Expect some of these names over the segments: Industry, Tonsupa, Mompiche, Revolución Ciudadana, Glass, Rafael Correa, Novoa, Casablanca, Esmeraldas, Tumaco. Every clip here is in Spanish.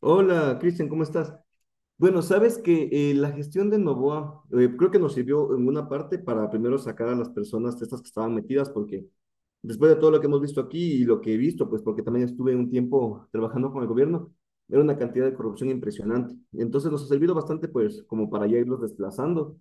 Hola, Cristian, ¿cómo estás? Bueno, sabes que la gestión de Novoa, creo que nos sirvió en una parte para primero sacar a las personas estas que estaban metidas, porque después de todo lo que hemos visto aquí y lo que he visto, pues porque también estuve un tiempo trabajando con el gobierno, era una cantidad de corrupción impresionante. Entonces nos ha servido bastante, pues, como para ya irlos desplazando,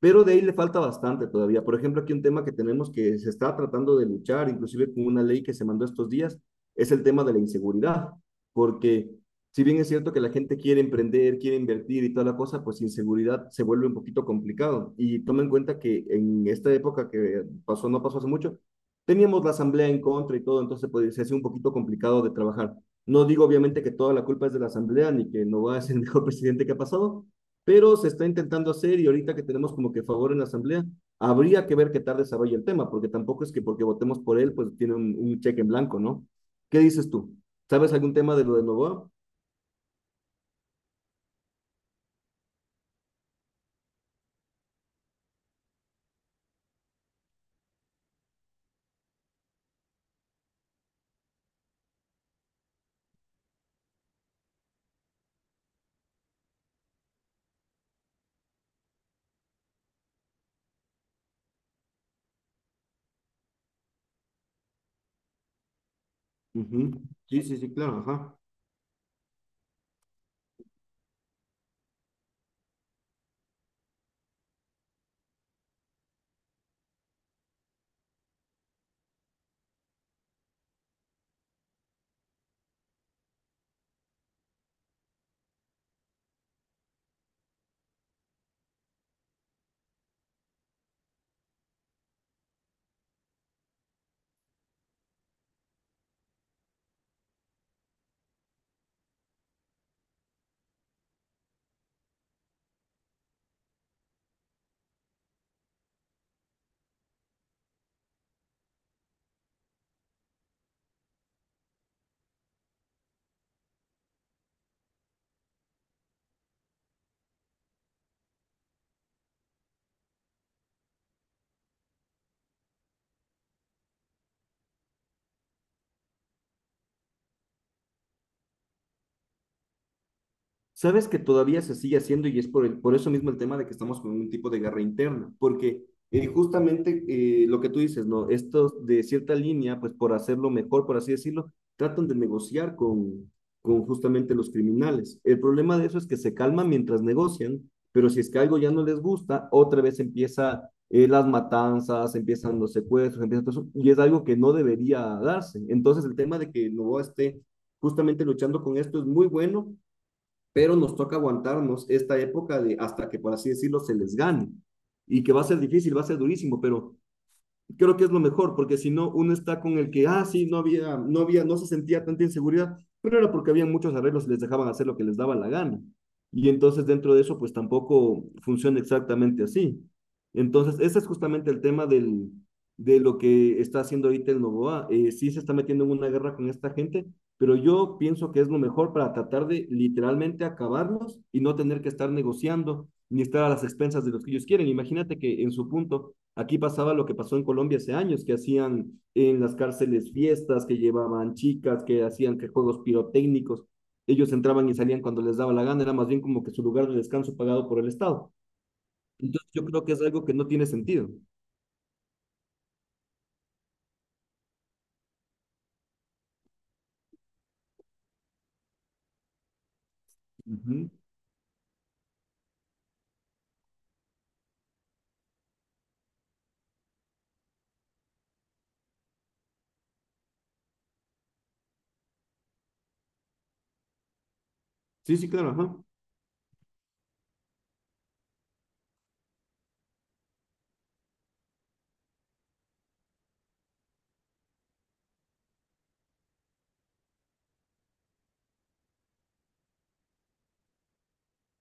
pero de ahí le falta bastante todavía. Por ejemplo, aquí un tema que tenemos que se está tratando de luchar, inclusive con una ley que se mandó estos días, es el tema de la inseguridad, porque si bien es cierto que la gente quiere emprender, quiere invertir y toda la cosa, pues inseguridad se vuelve un poquito complicado. Y toma en cuenta que en esta época que pasó, no pasó hace mucho, teníamos la asamblea en contra y todo, entonces pues, se hace un poquito complicado de trabajar. No digo obviamente que toda la culpa es de la asamblea ni que Novoa es el mejor presidente que ha pasado, pero se está intentando hacer y ahorita que tenemos como que favor en la asamblea, habría que ver qué tal desarrolla el tema, porque tampoco es que porque votemos por él, pues tiene un cheque en blanco, ¿no? ¿Qué dices tú? ¿Sabes algún tema de lo de Novoa? Ujú. Sí, sí, sí, claro, ajá. Sabes que todavía se sigue haciendo y es por, el, por eso mismo el tema de que estamos con un tipo de guerra interna, porque justamente, lo que tú dices, ¿no? Estos de cierta línea, pues por hacerlo mejor, por así decirlo, tratan de negociar con justamente los criminales. El problema de eso es que se calman mientras negocian, pero si es que algo ya no les gusta, otra vez empieza, las matanzas, empiezan los secuestros, empieza todo eso, y es algo que no debería darse. Entonces el tema de que no esté justamente luchando con esto es muy bueno, pero nos toca aguantarnos esta época de hasta que, por así decirlo, se les gane. Y que va a ser difícil, va a ser durísimo, pero creo que es lo mejor, porque si no, uno está con el que, ah, sí, no había, no había, no se sentía tanta inseguridad, pero era porque había muchos arreglos y les dejaban hacer lo que les daba la gana. Y entonces dentro de eso, pues tampoco funciona exactamente así. Entonces, ese es justamente el tema del, de lo que está haciendo ahorita el Novoa. Sí se está metiendo en una guerra con esta gente, pero yo pienso que es lo mejor para tratar de literalmente acabarlos y no tener que estar negociando ni estar a las expensas de los que ellos quieren. Imagínate que en su punto aquí pasaba lo que pasó en Colombia hace años, que hacían en las cárceles fiestas, que llevaban chicas, que hacían que juegos pirotécnicos. Ellos entraban y salían cuando les daba la gana, era más bien como que su lugar de descanso pagado por el Estado. Entonces yo creo que es algo que no tiene sentido. Ujú. Sí, sí, claro, ajá.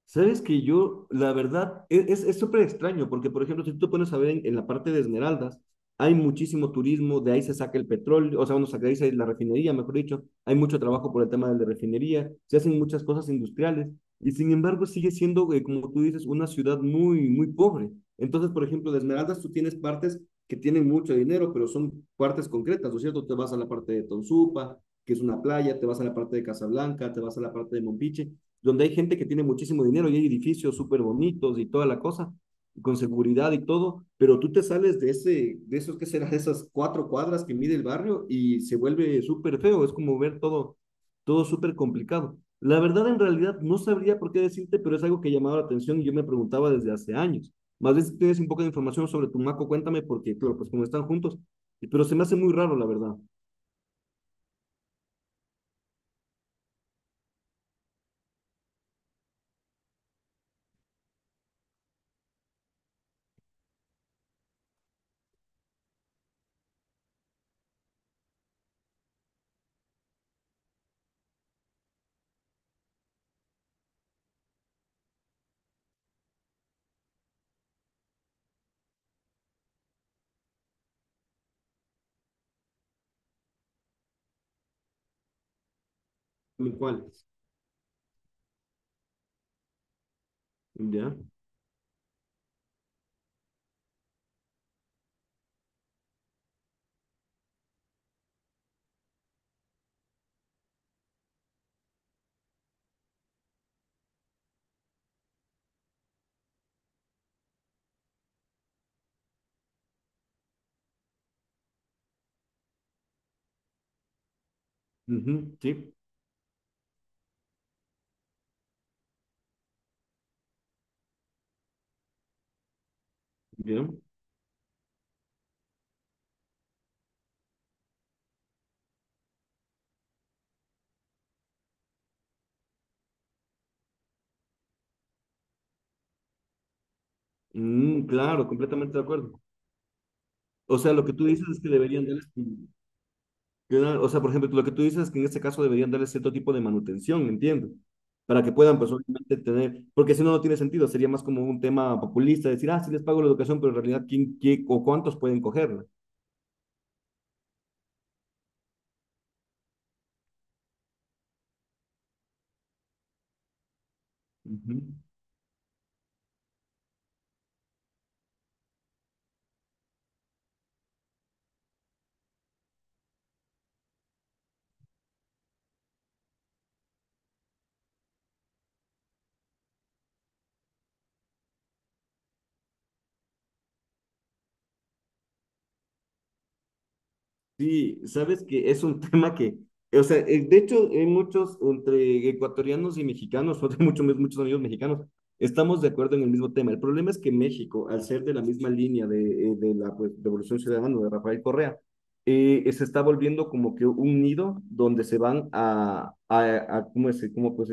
Sabes que yo, la verdad, es súper extraño, porque por ejemplo, si tú te pones a ver en la parte de Esmeraldas, hay muchísimo turismo, de ahí se saca el petróleo, o sea, uno saca de ahí la refinería, mejor dicho, hay mucho trabajo por el tema de la refinería, se hacen muchas cosas industriales, y sin embargo sigue siendo, como tú dices, una ciudad muy, muy pobre. Entonces, por ejemplo, de Esmeraldas tú tienes partes que tienen mucho dinero, pero son partes concretas, ¿no es cierto? Te vas a la parte de Tonsupa, que es una playa, te vas a la parte de Casablanca, te vas a la parte de Mompiche, donde hay gente que tiene muchísimo dinero y hay edificios súper bonitos y toda la cosa, con seguridad y todo, pero tú te sales de ese, de esos que será, de esas cuatro cuadras que mide el barrio y se vuelve súper feo, es como ver todo, todo súper complicado. La verdad, en realidad, no sabría por qué decirte, pero es algo que llamaba la atención y yo me preguntaba desde hace años. Más bien, si tienes un poco de información sobre Tumaco, cuéntame, porque, claro, pues como están juntos, pero se me hace muy raro, la verdad. ¿Cuál? ¿Ya? Ujú, sí, ya. Mm, claro, completamente de acuerdo. O sea, lo que tú dices es que deberían darles, mm, o sea, por ejemplo, lo que tú dices es que en este caso deberían darles cierto tipo de manutención, entiendo, para que puedan, pues, obviamente tener, porque si no, no tiene sentido, sería más como un tema populista, decir, ah, sí les pago la educación, pero en realidad, ¿quién, qué o cuántos pueden cogerla? Ujú. Sí, sabes que es un tema que, o sea, de hecho, hay muchos entre ecuatorianos y mexicanos, o de mucho, muchos amigos mexicanos, estamos de acuerdo en el mismo tema. El problema es que México, al ser de la misma línea de la pues, Revolución Ciudadana de Rafael Correa, se está volviendo como que un nido donde se van a ¿cómo es? ¿Cómo pues,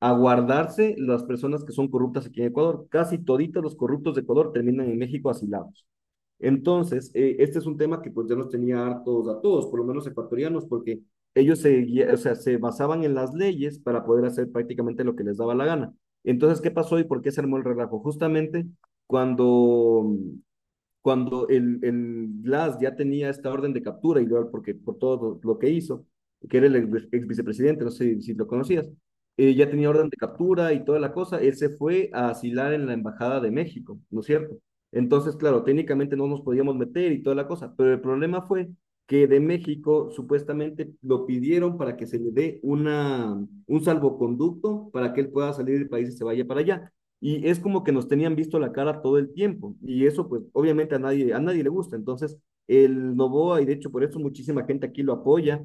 a guardarse las personas que son corruptas aquí en Ecuador? Casi toditos los corruptos de Ecuador terminan en México asilados. Entonces, este es un tema que pues ya nos tenía hartos a todos, por lo menos ecuatorianos, porque ellos se, o sea, se basaban en las leyes para poder hacer prácticamente lo que les daba la gana. Entonces, ¿qué pasó y por qué se armó el relajo? Justamente cuando cuando el Glass ya tenía esta orden de captura, y porque por todo lo que hizo, que era el ex, ex vicepresidente, no sé si lo conocías, ya tenía orden de captura y toda la cosa, él se fue a asilar en la Embajada de México, ¿no es cierto? Entonces, claro, técnicamente no nos podíamos meter y toda la cosa, pero el problema fue que de México supuestamente lo pidieron para que se le dé una, un salvoconducto para que él pueda salir del país y se vaya para allá y es como que nos tenían visto la cara todo el tiempo y eso pues obviamente a nadie le gusta. Entonces el Novoa, y de hecho por eso muchísima gente aquí lo apoya,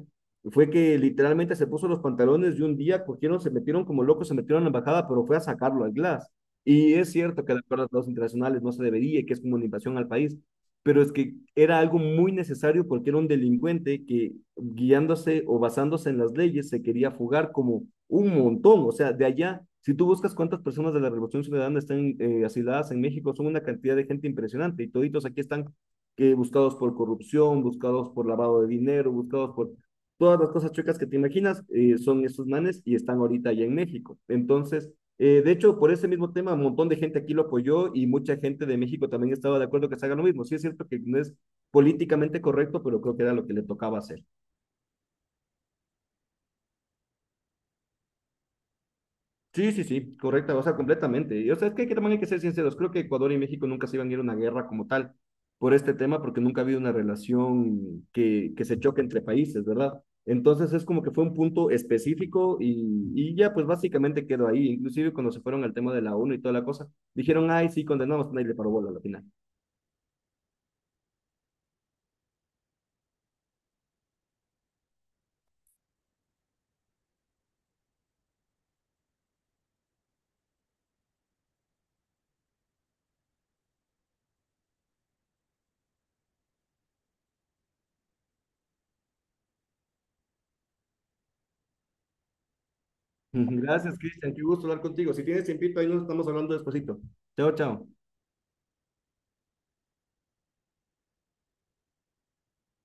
fue que literalmente se puso los pantalones y un día cogieron, se metieron como locos, se metieron a la embajada, pero fue a sacarlo al Glass. Y es cierto que de acuerdo a los internacionales no se debería, que es como una invasión al país, pero es que era algo muy necesario porque era un delincuente que guiándose o basándose en las leyes se quería fugar como un montón, o sea, de allá, si tú buscas cuántas personas de la Revolución Ciudadana están, asiladas en México, son una cantidad de gente impresionante y toditos aquí están, buscados por corrupción, buscados por lavado de dinero, buscados por todas las cosas chuecas que te imaginas, son esos manes y están ahorita allá en México. Entonces, de hecho, por ese mismo tema, un montón de gente aquí lo apoyó y mucha gente de México también estaba de acuerdo que se haga lo mismo. Sí, es cierto que no es políticamente correcto, pero creo que era lo que le tocaba hacer. Sí, sí, sí, correcta, o sea, completamente. Y, o sea, es que, hay que también hay que ser sinceros. Creo que Ecuador y México nunca se iban a ir a una guerra como tal por este tema, porque nunca ha habido una relación que se choque entre países, ¿verdad? Entonces es como que fue un punto específico y ya pues básicamente quedó ahí. Inclusive cuando se fueron al tema de la ONU y toda la cosa, dijeron, ay, sí, condenamos, nadie le paró bola a la final. Ujú. Gracias, Cristian. Qué gusto hablar contigo. Si tienes tiempito, ahí nos estamos hablando despacito. Chao, chao.